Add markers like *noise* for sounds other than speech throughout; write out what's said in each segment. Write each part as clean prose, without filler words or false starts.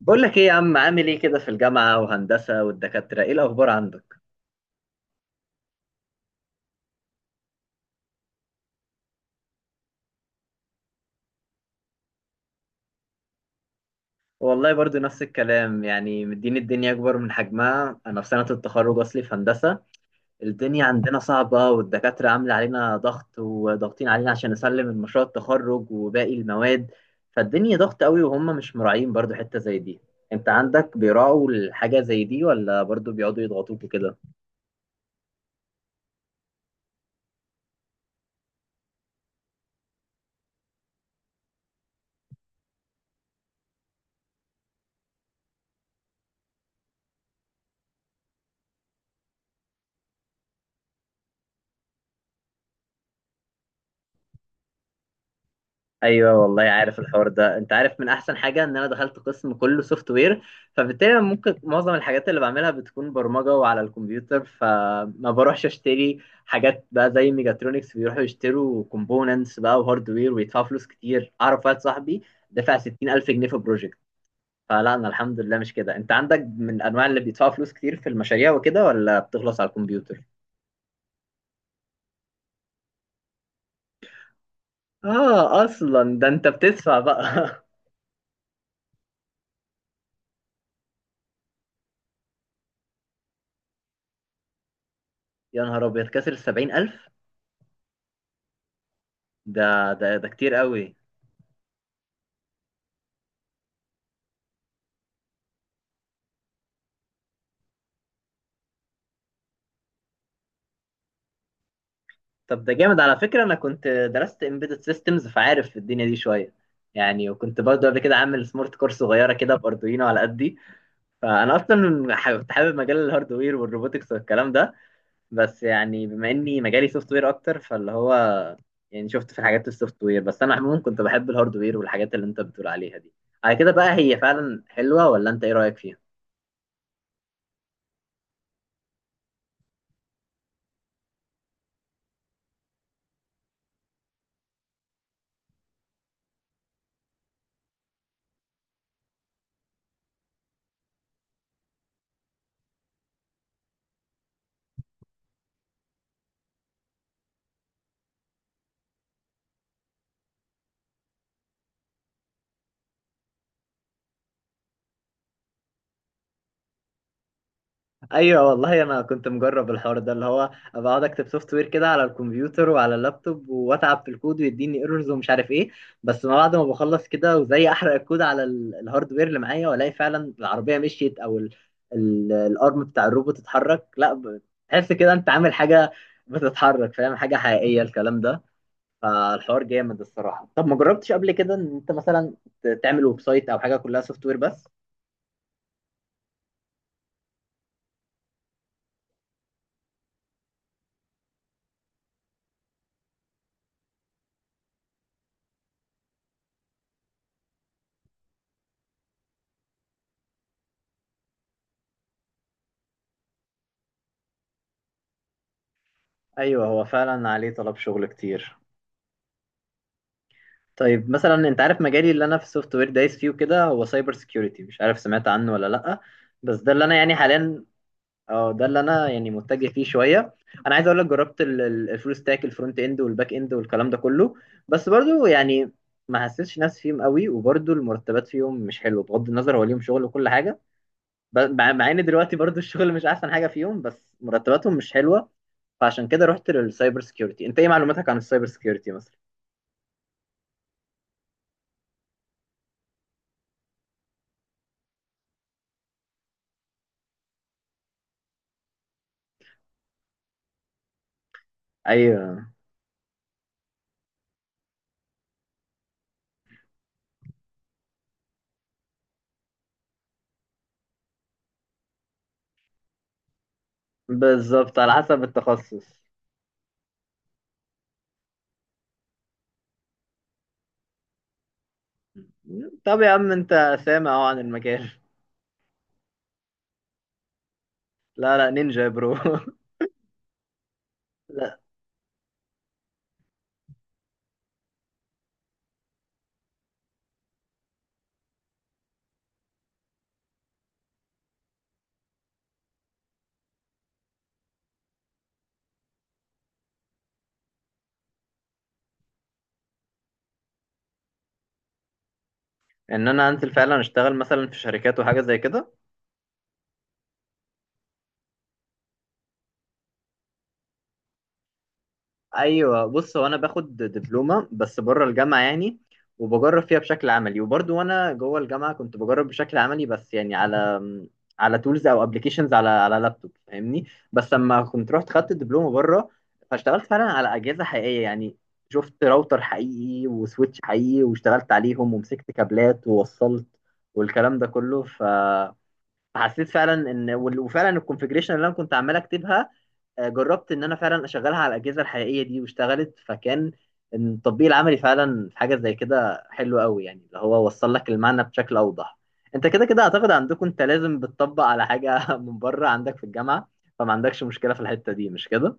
بقول لك ايه يا عم، عامل ايه كده في الجامعة وهندسة والدكاترة؟ ايه الأخبار عندك؟ والله برضو نفس الكلام، يعني مدين الدنيا أكبر من حجمها. أنا في سنة التخرج أصلي في هندسة. الدنيا عندنا صعبة والدكاترة عاملة علينا ضغط وضاغطين علينا عشان نسلم المشروع التخرج وباقي المواد. فالدنيا ضغط قوي وهم مش مراعين برضو حتة زي دي. أنت عندك بيراعوا الحاجة زي دي، ولا برضو بيقعدوا يضغطوك وكده؟ ايوه والله، عارف الحوار ده؟ انت عارف من احسن حاجه ان انا دخلت قسم كله سوفت وير. فبالتالي أنا ممكن معظم الحاجات اللي بعملها بتكون برمجه وعلى الكمبيوتر، فما بروحش اشتري حاجات بقى زي ميجاترونكس. بيروحوا يشتروا كومبوننتس بقى وهاردوير ويدفعوا فلوس كتير. اعرف واحد صاحبي دفع 60,000 جنيه في بروجكت. فلا انا الحمد لله مش كده. انت عندك من انواع اللي بيدفعوا فلوس كتير في المشاريع وكده، ولا بتخلص على الكمبيوتر؟ اه، اصلا ده انت بتدفع بقى. *laughs* يا نهار ابيض، كسر 70,000! ده كتير قوي. طب ده جامد على فكرة. انا كنت درست embedded systems، فعارف الدنيا دي شوية يعني. وكنت برضه قبل كده عامل سمارت كور صغيرة كده، باردوينو على قدي. فانا اصلا كنت حابب مجال الهاردوير والروبوتكس والكلام ده. بس يعني بما اني مجالي سوفت وير اكتر، فاللي هو يعني شفت في الحاجات السوفت وير. بس انا عموما كنت بحب الهاردوير والحاجات اللي انت بتقول عليها دي. على كده بقى، هي فعلا حلوة ولا انت ايه رأيك فيها؟ ايوه والله، انا كنت مجرب الحوار ده، اللي هو ابقى اقعد اكتب سوفت وير كده على الكمبيوتر وعلى اللابتوب، واتعب في الكود ويديني ايرورز ومش عارف ايه. بس ما بعد ما بخلص كده وزي احرق الكود على الهاردوير اللي معايا، والاقي فعلا العربيه مشيت، او الارم بتاع الروبوت اتحرك، لا. تحس كده انت عامل حاجه بتتحرك، فاهم؟ حاجه حقيقيه الكلام ده. فالحوار جامد الصراحه. طب ما جربتش قبل كده ان انت مثلا تعمل ويب سايت او حاجه كلها سوفت وير بس؟ ايوه، هو فعلا عليه طلب شغل كتير. طيب مثلا انت عارف مجالي اللي انا في السوفت وير دايس فيه كده؟ هو سايبر سيكيورتي، مش عارف سمعت عنه ولا لا. بس ده اللي انا يعني حاليا. اه ده اللي انا يعني متجه فيه شويه. انا عايز اقول لك، جربت الفول ستاك، الفرونت اند والباك اند والكلام ده كله. بس برضو يعني ما حسيتش نفسي فيهم قوي، وبرضو المرتبات فيهم مش حلوه، بغض النظر هو ليهم شغل وكل حاجه. مع ان دلوقتي برضو *laughs* الشغل مش احسن حاجه فيهم، بس مرتباتهم مش حلوه. فعشان كده رحت للسايبر سيكيورتي. انت ايه معلوماتك عن السايبر سيكيورتي مثلا؟ اي، بالظبط، على حسب التخصص. طب يا عم انت سامع اهو عن المجال. لا لا، نينجا يا برو. *laughs* لا، ان انا انزل فعلا اشتغل مثلا في شركات وحاجه زي كده؟ ايوه بص، هو انا باخد دبلومه بس بره الجامعه يعني. وبجرب فيها بشكل عملي، وبرضو وانا جوه الجامعه كنت بجرب بشكل عملي، بس يعني على تولز او ابلكيشنز، على لابتوب فاهمني. بس لما كنت رحت خدت الدبلومه بره، فاشتغلت فعلا على اجهزه حقيقيه يعني. شفت راوتر حقيقي وسويتش حقيقي، واشتغلت عليهم ومسكت كابلات ووصلت والكلام ده كله. فحسيت فعلا ان وفعلا الكونفجريشن اللي انا كنت عمال اكتبها، جربت ان انا فعلا اشغلها على الاجهزه الحقيقيه دي واشتغلت، فكان التطبيق العملي فعلا في حاجه زي كده حلو قوي يعني، اللي هو وصل لك المعنى بشكل اوضح. انت كده كده اعتقد عندكم، انت لازم بتطبق على حاجه *laughs* من بره، عندك في الجامعه. فما عندكش مشكله في الحته دي، مش كده؟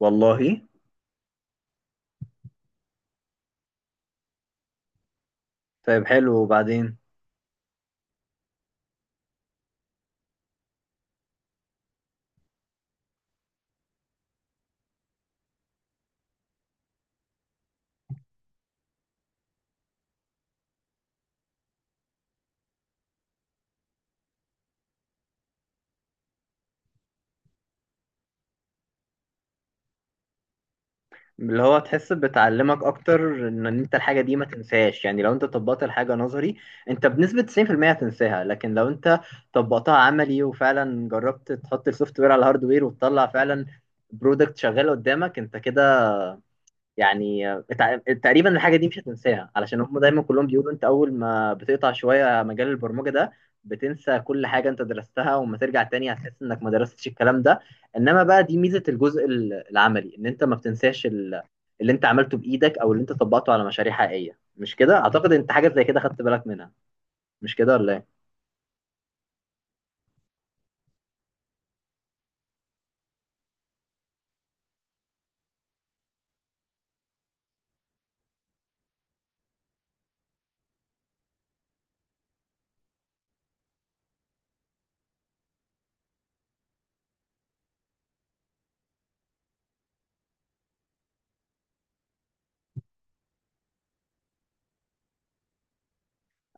والله طيب، حلو، وبعدين؟ اللي هو تحس بتعلمك اكتر، ان انت الحاجه دي ما تنساش. يعني لو انت طبقت الحاجه نظري، انت بنسبه 90% هتنساها. لكن لو انت طبقتها عملي، وفعلا جربت تحط السوفت وير على الهارد وير وتطلع فعلا برودكت شغال قدامك، انت كده يعني تقريبا الحاجه دي مش هتنساها. علشان هم دايما كلهم بيقولوا انت اول ما بتقطع شويه مجال البرمجه ده، بتنسى كل حاجه انت درستها، وما ترجع تاني هتحس انك ما درستش الكلام ده. انما بقى دي ميزه الجزء العملي، ان انت ما بتنساش اللي انت عملته بايدك او اللي انت طبقته على مشاريع حقيقيه. مش كده؟ اعتقد انت حاجه زي كده خدت بالك منها، مش كده ولا إيه؟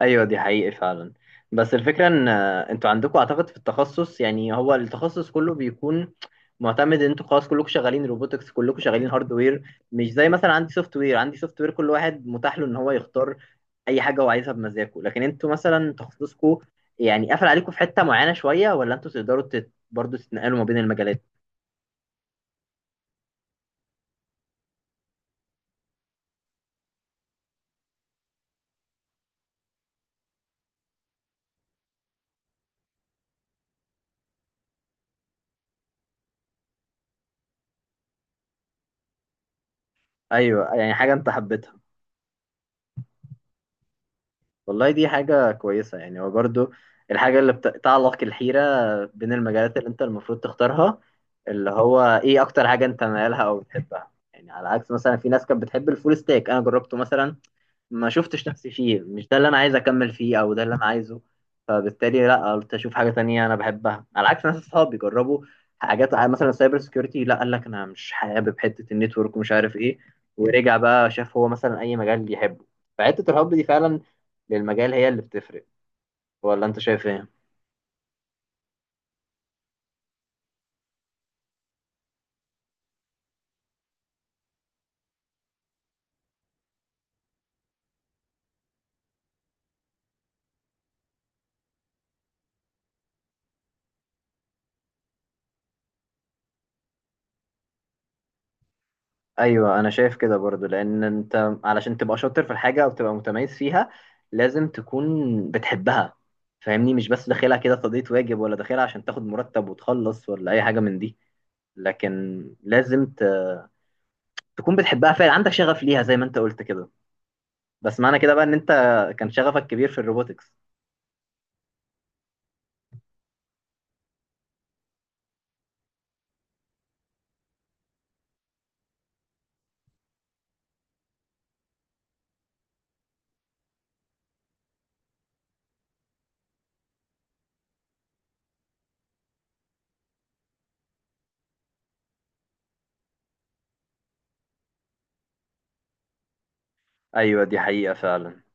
ايوه، دي حقيقة فعلا. بس الفكرة ان انتوا عندكم اعتقد في التخصص، يعني هو التخصص كله بيكون معتمد ان انتوا خلاص كلكم شغالين روبوتكس، كلكم شغالين هاردوير. مش زي مثلا عندي سوفت وير، عندي سوفت وير كل واحد متاح له ان هو يختار اي حاجة هو عايزها بمزاجه. لكن انتوا مثلا تخصصكم يعني قافل عليكم في حتة معينة شوية، ولا انتوا تقدروا برضه تتنقلوا ما بين المجالات؟ ايوه، يعني حاجة انت حبيتها. والله دي حاجة كويسة. يعني هو برضو الحاجة اللي بتعلق الحيرة بين المجالات اللي انت المفروض تختارها، اللي هو ايه اكتر حاجة انت مالها او بتحبها. يعني على عكس مثلا في ناس كانت بتحب الفول ستاك، انا جربته مثلا، ما شفتش نفسي فيه، مش ده اللي انا عايز اكمل فيه او ده اللي انا عايزه. فبالتالي لا، قلت اشوف حاجه تانية انا بحبها. على عكس ناس اصحابي جربوا حاجات مثلا سايبر سكيورتي، لا قال لك انا مش حابب حته النتورك ومش عارف ايه، ورجع بقى شاف هو مثلا اي مجال بيحبه. فحته الحب دي فعلا للمجال هي اللي بتفرق، ولا انت شايف ايه؟ ايوه انا شايف كده برضو. لان انت علشان تبقى شاطر في الحاجه او تبقى متميز فيها، لازم تكون بتحبها فاهمني. مش بس داخلها كده تقضية واجب، ولا داخلها عشان تاخد مرتب وتخلص ولا اي حاجه من دي، لكن لازم تكون بتحبها فعلا، عندك شغف ليها زي ما انت قلت كده. بس معنى كده بقى ان انت كان شغفك كبير في الروبوتكس. ايوه دي حقيقه فعلا.